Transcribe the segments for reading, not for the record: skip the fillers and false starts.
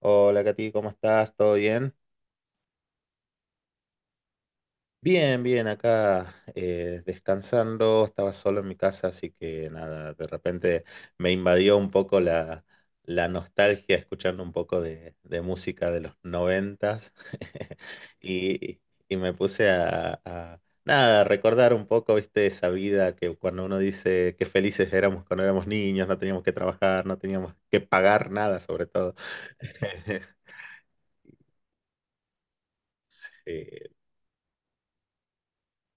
Hola, Katy, ¿cómo estás? ¿Todo bien? Bien, bien, acá descansando, estaba solo en mi casa, así que nada, de repente me invadió un poco la nostalgia escuchando un poco de música de los noventas. y, y me puse nada, a recordar un poco, viste, esa vida, que cuando uno dice qué felices éramos cuando éramos niños, no teníamos que trabajar, no teníamos que pagar nada, sobre todo. Eh,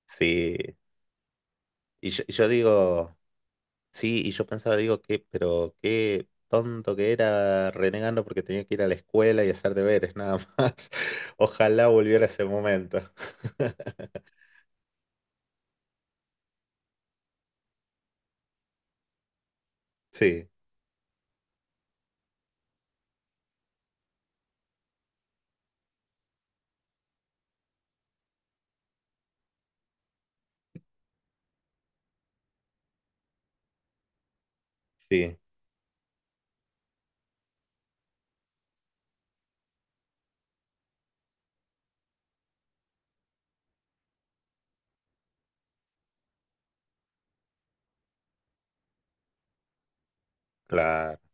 sí. Y yo digo, sí, y yo pensaba, digo, pero qué tonto que era renegando porque tenía que ir a la escuela y hacer deberes, nada más. Ojalá volviera ese momento. Sí, sí, claro.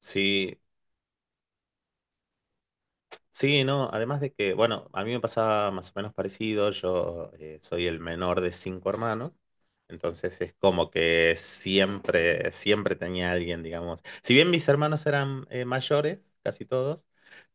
Sí, sí, no, además de que, bueno, a mí me pasaba más o menos parecido. Yo soy el menor de cinco hermanos, entonces es como que siempre, siempre tenía alguien, digamos. Si bien mis hermanos eran mayores, casi todos,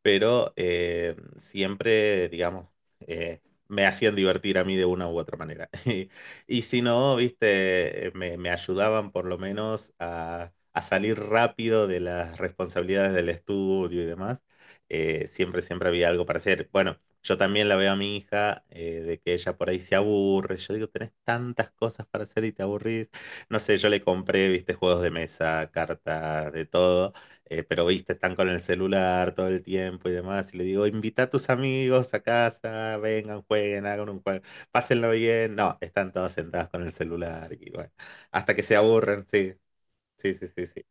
pero siempre, digamos, eh, me hacían divertir a mí de una u otra manera. Y si no, viste, me ayudaban por lo menos a salir rápido de las responsabilidades del estudio y demás. Siempre, siempre había algo para hacer. Bueno, yo también la veo a mi hija, de que ella por ahí se aburre. Yo digo, tenés tantas cosas para hacer y te aburrís. No sé, yo le compré, viste, juegos de mesa, cartas, de todo, pero viste, están con el celular todo el tiempo y demás. Y le digo, invita a tus amigos a casa, vengan, jueguen, hagan un juego, pásenlo bien. No, están todos sentados con el celular, y bueno, hasta que se aburren. Sí, sí, sí, sí, sí.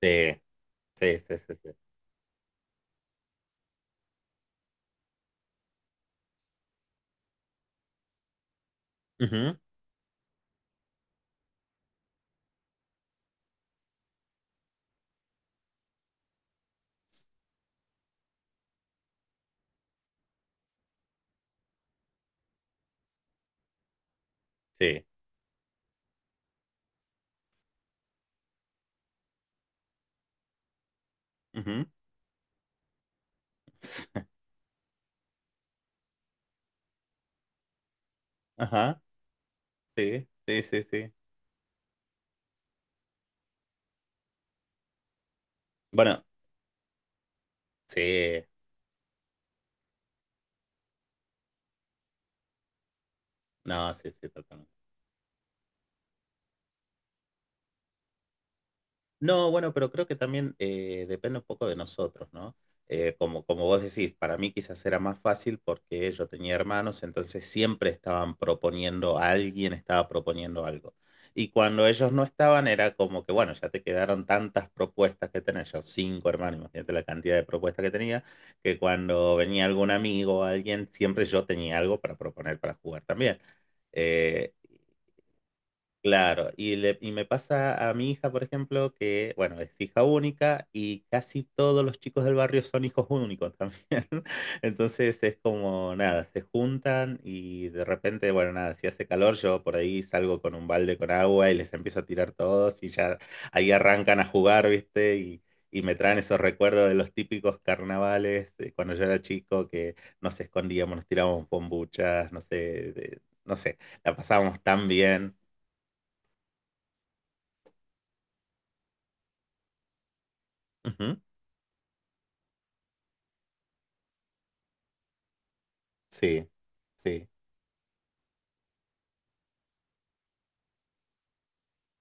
Sí, sí, sí, sí, sí. Ujú, sí. Ujú. Ajá, sí, sí, sí, sí. Bueno, sí, no, sí, sí, totalmente. No, bueno, pero creo que también depende un poco de nosotros, ¿no? Como vos decís, para mí quizás era más fácil porque yo tenía hermanos, entonces siempre estaban proponiendo, alguien estaba proponiendo algo. Y cuando ellos no estaban, era como que, bueno, ya te quedaron tantas propuestas que tenés. Yo, cinco hermanos, imagínate la cantidad de propuestas que tenía, que cuando venía algún amigo o alguien, siempre yo tenía algo para proponer para jugar también. Eh, Claro, y me pasa a mi hija, por ejemplo, que, bueno, es hija única y casi todos los chicos del barrio son hijos únicos también. Entonces es como, nada, se juntan y de repente, bueno, nada, si hace calor, yo por ahí salgo con un balde con agua y les empiezo a tirar todos y ya ahí arrancan a jugar, ¿viste? Y me traen esos recuerdos de los típicos carnavales de cuando yo era chico, que nos escondíamos, nos tirábamos bombuchas, no sé, no sé, la pasábamos tan bien. Sí, sí.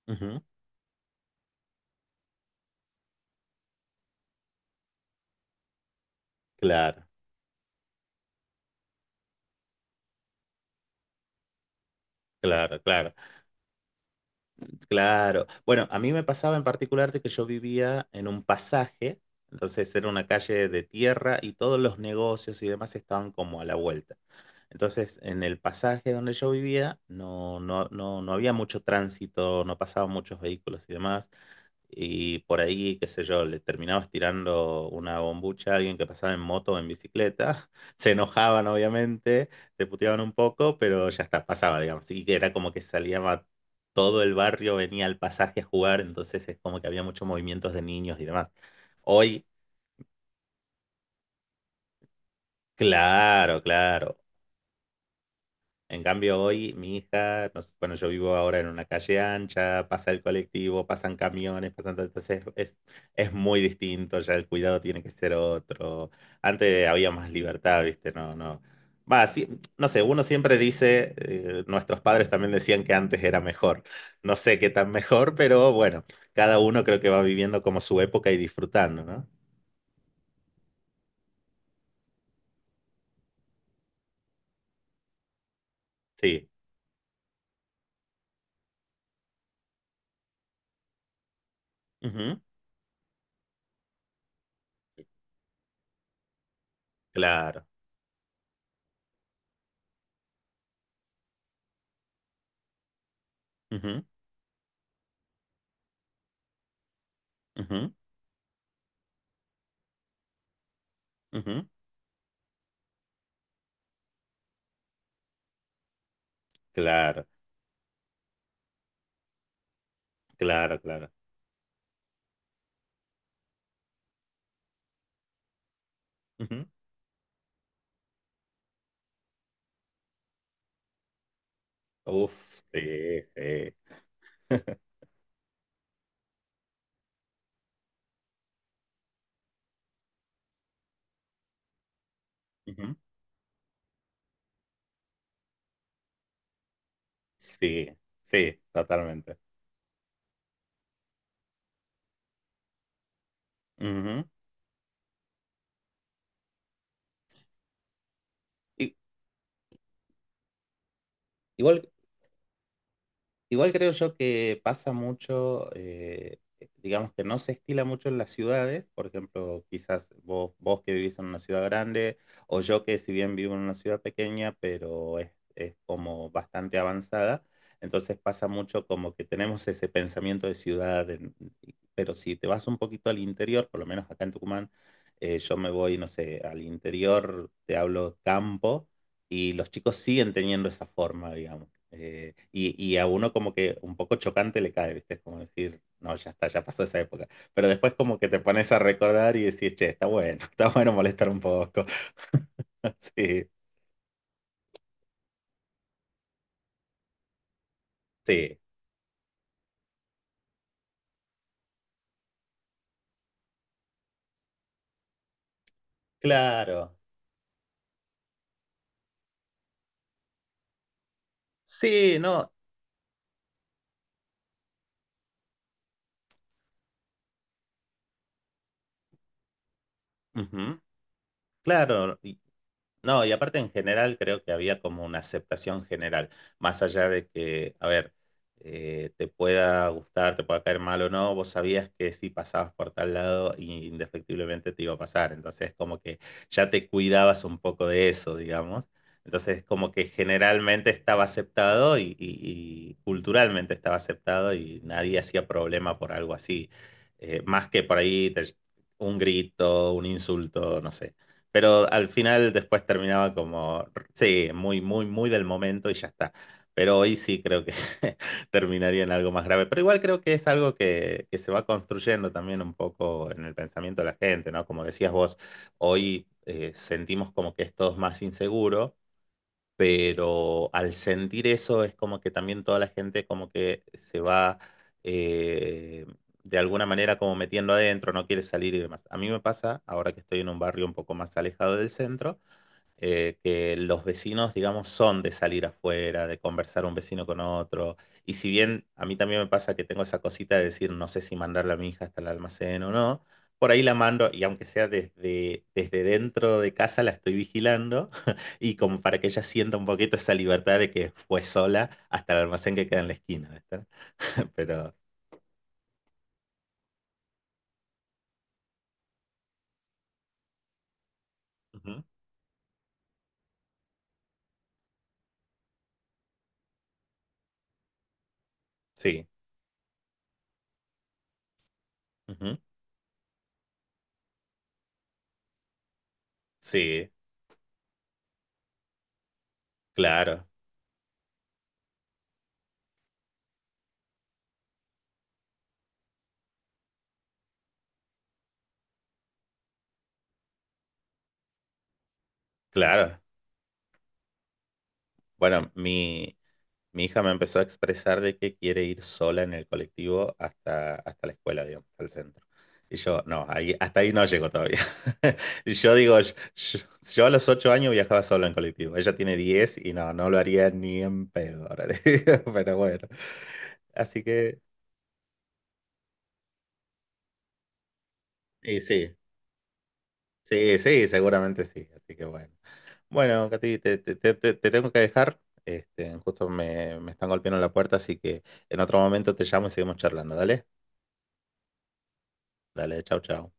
Ujú. Claro, claro, claro, claro. Bueno, a mí me pasaba en particular de que yo vivía en un pasaje, entonces era una calle de tierra y todos los negocios y demás estaban como a la vuelta. Entonces, en el pasaje donde yo vivía no había mucho tránsito, no pasaban muchos vehículos y demás. Y por ahí, qué sé yo, le terminabas tirando una bombucha a alguien que pasaba en moto o en bicicleta. Se enojaban, obviamente, te puteaban un poco, pero ya está, pasaba, digamos. Y que era como que salía todo el barrio, venía al pasaje a jugar, entonces es como que había muchos movimientos de niños y demás. Hoy, claro, claro. En cambio, hoy mi hija, no, bueno, yo vivo ahora en una calle ancha, pasa el colectivo, pasan camiones, pasan todo, entonces es muy distinto, ya el cuidado tiene que ser otro. Antes había más libertad, ¿viste? No, no. Va, sí, no sé, uno siempre dice, nuestros padres también decían que antes era mejor. No sé qué tan mejor, pero bueno, cada uno creo que va viviendo como su época y disfrutando, ¿no? Sí. Ujú. Claro. Ujú, ujú, ujú. Claro, claro, claro. Ujú. Uf, sí, sí. Ujú. Sí, sí, totalmente. Ujú. I- igual Igual creo yo que pasa mucho, digamos que no se estila mucho en las ciudades, por ejemplo. Quizás vos, que vivís en una ciudad grande, o yo que, si bien vivo en una ciudad pequeña, pero es como bastante avanzada, entonces pasa mucho como que tenemos ese pensamiento de ciudad, pero si te vas un poquito al interior, por lo menos acá en Tucumán, yo me voy, no sé, al interior, te hablo campo, y los chicos siguen teniendo esa forma, digamos. Y a uno como que un poco chocante le cae, ¿viste? Es como decir, no, ya está, ya pasó esa época. Pero después como que te pones a recordar y decís, che, está bueno, está bueno molestar un poco. Sí, sí, claro. Sí, no, ujú, claro. No, y aparte, en general, creo que había como una aceptación general, más allá de que, a ver, te pueda gustar, te pueda caer mal o no, vos sabías que si pasabas por tal lado, indefectiblemente te iba a pasar, entonces como que ya te cuidabas un poco de eso, digamos, entonces como que generalmente estaba aceptado, y culturalmente estaba aceptado y nadie hacía problema por algo así. Más que por ahí un grito, un insulto, no sé, pero al final después terminaba como, sí, muy, muy, muy del momento y ya está. Pero hoy sí creo que terminaría en algo más grave. Pero igual creo que es algo que se va construyendo también un poco en el pensamiento de la gente, ¿no? Como decías vos, hoy sentimos como que es todo más inseguro, pero al sentir eso es como que también toda la gente como que se va, eh, de alguna manera, como metiendo adentro, no quiere salir y demás. A mí me pasa, ahora que estoy en un barrio un poco más alejado del centro, que los vecinos, digamos, son de salir afuera, de conversar un vecino con otro. Y si bien a mí también me pasa que tengo esa cosita de decir, no sé si mandarle a mi hija hasta el almacén o no, por ahí la mando, y aunque sea desde dentro de casa la estoy vigilando y como para que ella sienta un poquito esa libertad de que fue sola hasta el almacén que queda en la esquina, ¿viste? Pero ujú, sí, ujú, sí, claro, claro. Bueno, mi hija me empezó a expresar de que quiere ir sola en el colectivo hasta, hasta la escuela, digamos, hasta el centro. Y yo, no, hasta ahí no llego todavía. Y yo digo, yo a los 8 años viajaba solo en colectivo. Ella tiene 10 y no, no lo haría ni en pedo, ahora, le digo. Pero bueno, así que, y sí, sí, sí, seguramente sí. Así que bueno. Bueno, Katy, te tengo que dejar. Justo me están golpeando la puerta, así que en otro momento te llamo y seguimos charlando. Dale, dale, chau, chau.